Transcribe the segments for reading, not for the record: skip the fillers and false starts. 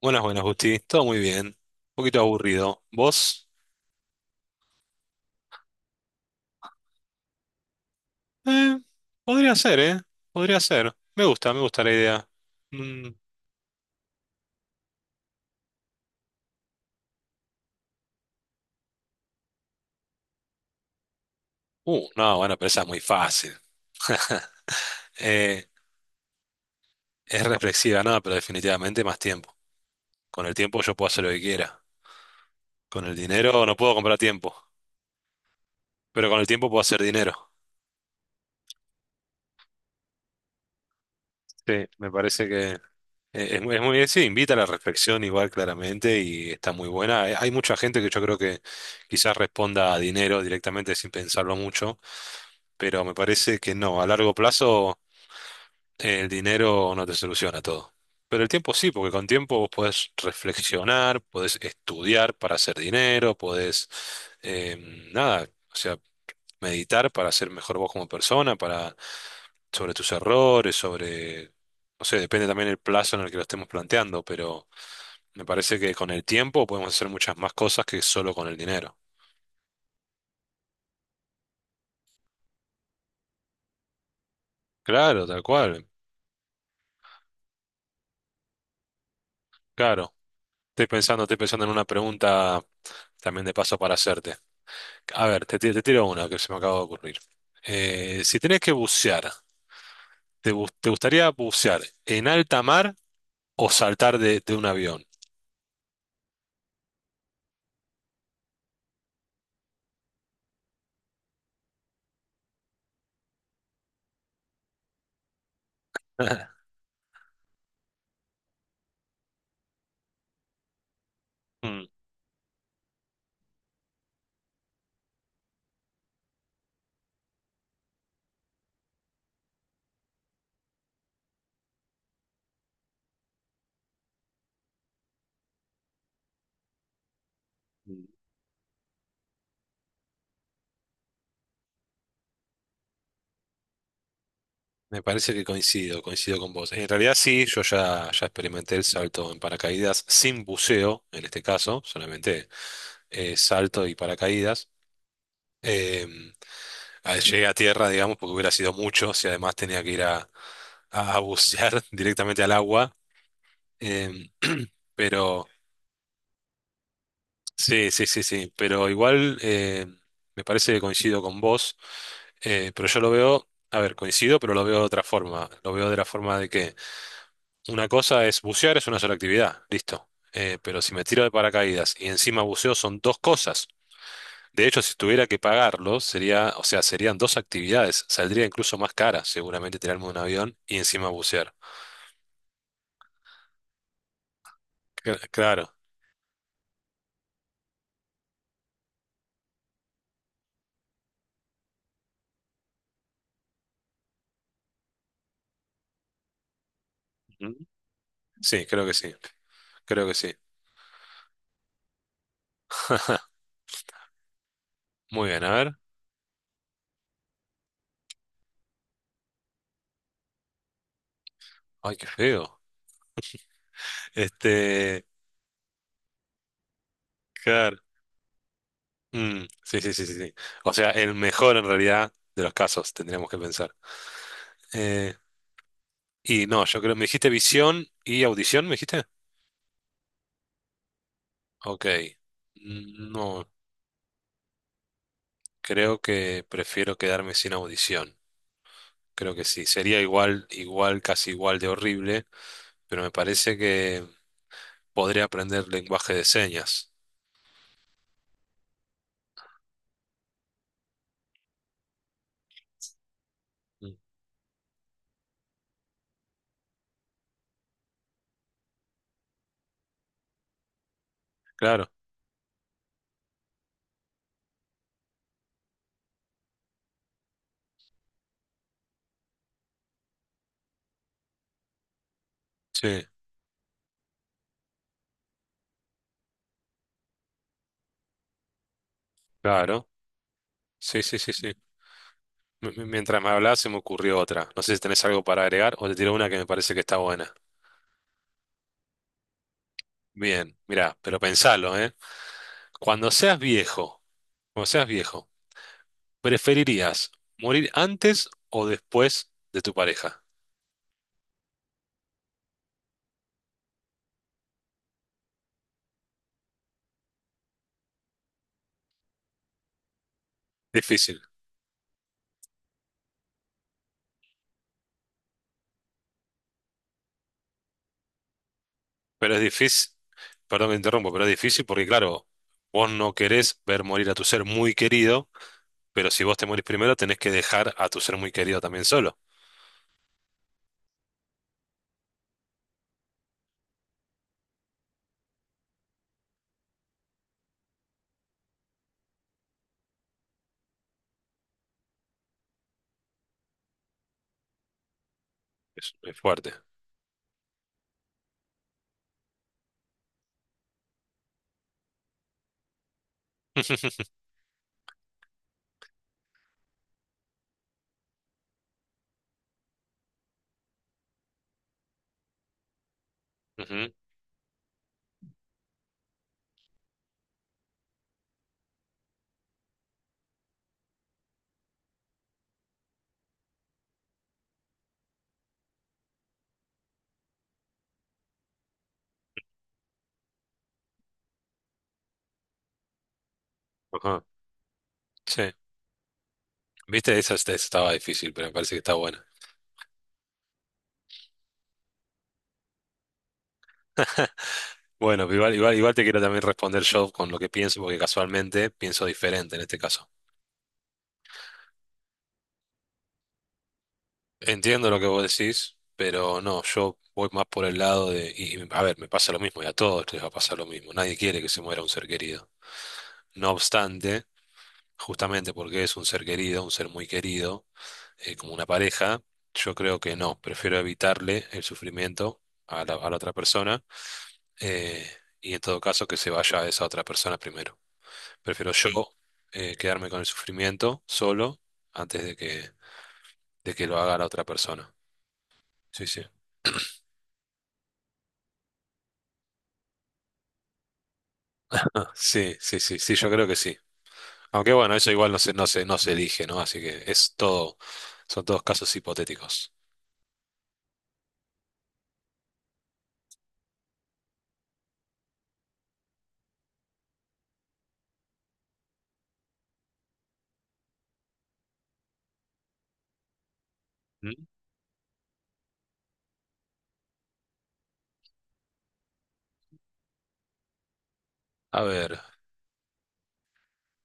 Buenas, buenas, Justi. Todo muy bien. Un poquito aburrido. ¿Vos? Eh, podría ser, ¿eh? Podría ser. Me gusta la idea. Mm, no, bueno, pero esa es muy fácil. Eh, es reflexiva, nada, pero definitivamente más tiempo. Con el tiempo yo puedo hacer lo que quiera. Con el dinero no puedo comprar tiempo, pero con el tiempo puedo hacer dinero. Sí, me parece que sí, invita a la reflexión igual claramente y está muy buena. Hay mucha gente que yo creo que quizás responda a dinero directamente sin pensarlo mucho, pero me parece que no, a largo plazo el dinero no te soluciona todo. Pero el tiempo sí, porque con tiempo vos podés reflexionar, podés estudiar para hacer dinero, podés, em, nada, o sea, meditar para ser mejor vos como persona, para, sobre tus errores, sobre, no sé, depende también el plazo en el que lo estemos planteando, pero me parece que con el tiempo podemos hacer muchas más cosas que solo con el dinero. Claro, tal cual, claro. Estoy pensando en una pregunta también de paso para hacerte. A ver, te tiro una que se me acaba de ocurrir. Si tenés que bucear, te gustaría bucear en alta mar o saltar de un avión? Mm, me parece que coincido con vos. En realidad sí, yo ya experimenté el salto en paracaídas sin buceo, en este caso, solamente salto y paracaídas. Em, Llegué a tierra, digamos, porque hubiera sido mucho si además tenía que ir a, a bucear directamente al agua. Em, pero sí, sí, sí, sí, pero igual me parece que coincido con vos, pero yo lo veo, a ver, coincido, pero lo veo de otra forma. Lo veo de la forma de que una cosa es bucear, es una sola actividad, listo. Pero si me tiro de paracaídas y encima buceo son dos cosas. De hecho, si tuviera que pagarlo, sería, o sea, serían dos actividades. Saldría incluso más cara, seguramente tirarme de un avión y encima bucear. Claro. Ujú. Sí, creo que sí. Creo que sí. Muy bien, a ver. Ay, qué feo. Este, claro. Mm, sí, sí, sí, sí, sí. O sea, el mejor en realidad de los casos, tendríamos que pensar. Eh, y no, yo creo, me dijiste visión y audición, ¿me dijiste? Ok. Mm, no, creo que prefiero quedarme sin audición. Creo que sí. Sería igual, igual, casi igual de horrible, pero me parece que podré aprender lenguaje de señas. Mm. Claro, sí, claro. Sí, sí, sí, sí. Mientras me hablabas se me ocurrió otra. No sé si tenés algo para agregar o te tiro una que me parece que está buena. Bien, mirá, pero pensalo, ¿eh? Cuando seas viejo, cuando seas viejo, ¿preferirías morir antes o después de tu pareja? Difícil. Pero es difícil, perdón que te interrumpo, pero es difícil porque, claro, vos no querés ver morir a tu ser muy querido, pero si vos te morís primero, tenés que dejar a tu ser muy querido también solo. Es fuerte. Ujú, ajá, sí. Viste, esa estaba difícil, pero me parece que está buena. Bueno, pero igual, igual, igual te quiero también responder yo con lo que pienso, porque casualmente pienso diferente en este caso. Entiendo lo que vos decís, pero no, yo voy más por el lado de, a ver, me pasa lo mismo y a todos les va a pasar lo mismo. Nadie quiere que se muera un ser querido. No obstante, justamente porque es un ser querido, un ser muy querido, como una pareja, yo creo que no, prefiero evitarle el sufrimiento a a la otra persona eh, y en todo caso que se vaya a esa otra persona primero. Prefiero yo quedarme con el sufrimiento solo antes de que lo haga la otra persona. Sí, sí. Ah, sí, sí, sí, sí, yo creo que sí. Aunque bueno, eso igual no se elige, ¿no? Así que es todo, son todos casos hipotéticos. Mm. A ver,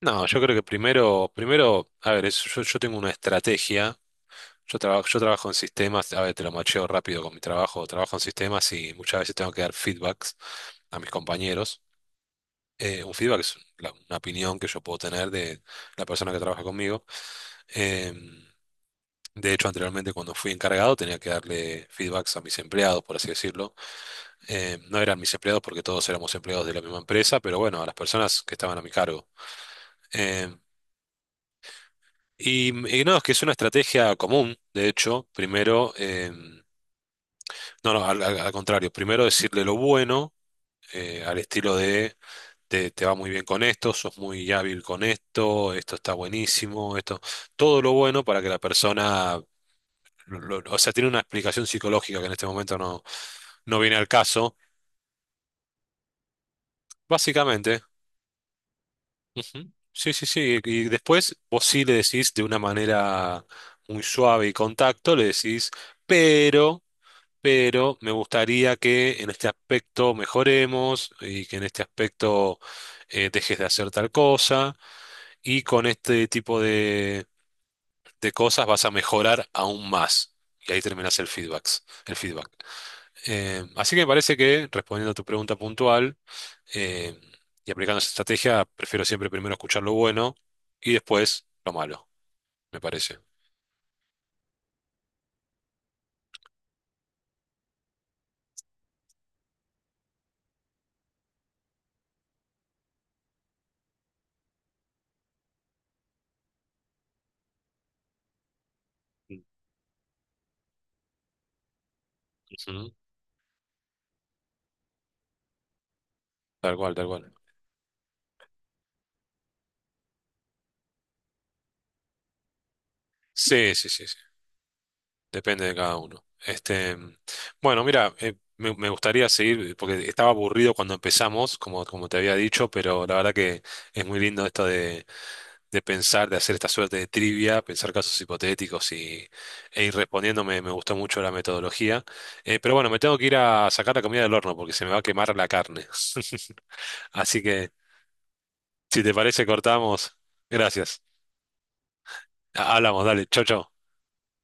no, yo creo que primero, primero, yo tengo una estrategia, yo trabajo en sistemas, a ver, te lo macheo rápido con mi trabajo, trabajo en sistemas y muchas veces tengo que dar feedbacks a mis compañeros. Un feedback es una opinión que yo puedo tener de la persona que trabaja conmigo. Em, de hecho, anteriormente cuando fui encargado tenía que darle feedbacks a mis empleados, por así decirlo. No eran mis empleados porque todos éramos empleados de la misma empresa, pero bueno, a las personas que estaban a mi cargo. Eh, y no, es que es una estrategia común, de hecho, primero, no, no, al, al- al contrario, primero decirle lo bueno, al estilo de te va muy bien con esto, sos muy hábil con esto, esto está buenísimo, esto, todo lo bueno para que la persona, o sea, tiene una explicación psicológica que en este momento no, no viene al caso. Básicamente. Ujú. Sí, sí, sí. Y después vos sí le decís de una manera muy suave y con tacto, le decís, pero, pero me gustaría que en este aspecto mejoremos y que en este aspecto dejes de hacer tal cosa y con este tipo de cosas vas a mejorar aún más. Y ahí terminás el feedback. Así que me parece que, respondiendo a tu pregunta puntual, eh, y aplicando esa estrategia, prefiero siempre primero escuchar lo bueno y después lo malo, me parece. Ujú. Tal cual, tal cual. Sí, sí, sí, sí. Depende de cada uno. Este, bueno, mira, me gustaría seguir, porque estaba aburrido cuando empezamos, como, como te había dicho, pero la verdad que es muy lindo esto de pensar, de hacer esta suerte de trivia, pensar casos hipotéticos y, e ir respondiéndome. Me gustó mucho la metodología. Pero bueno, me tengo que ir a sacar la comida del horno porque se me va a quemar la carne. Así que, si te parece, cortamos. Gracias. Hablamos, dale. Chau, chau.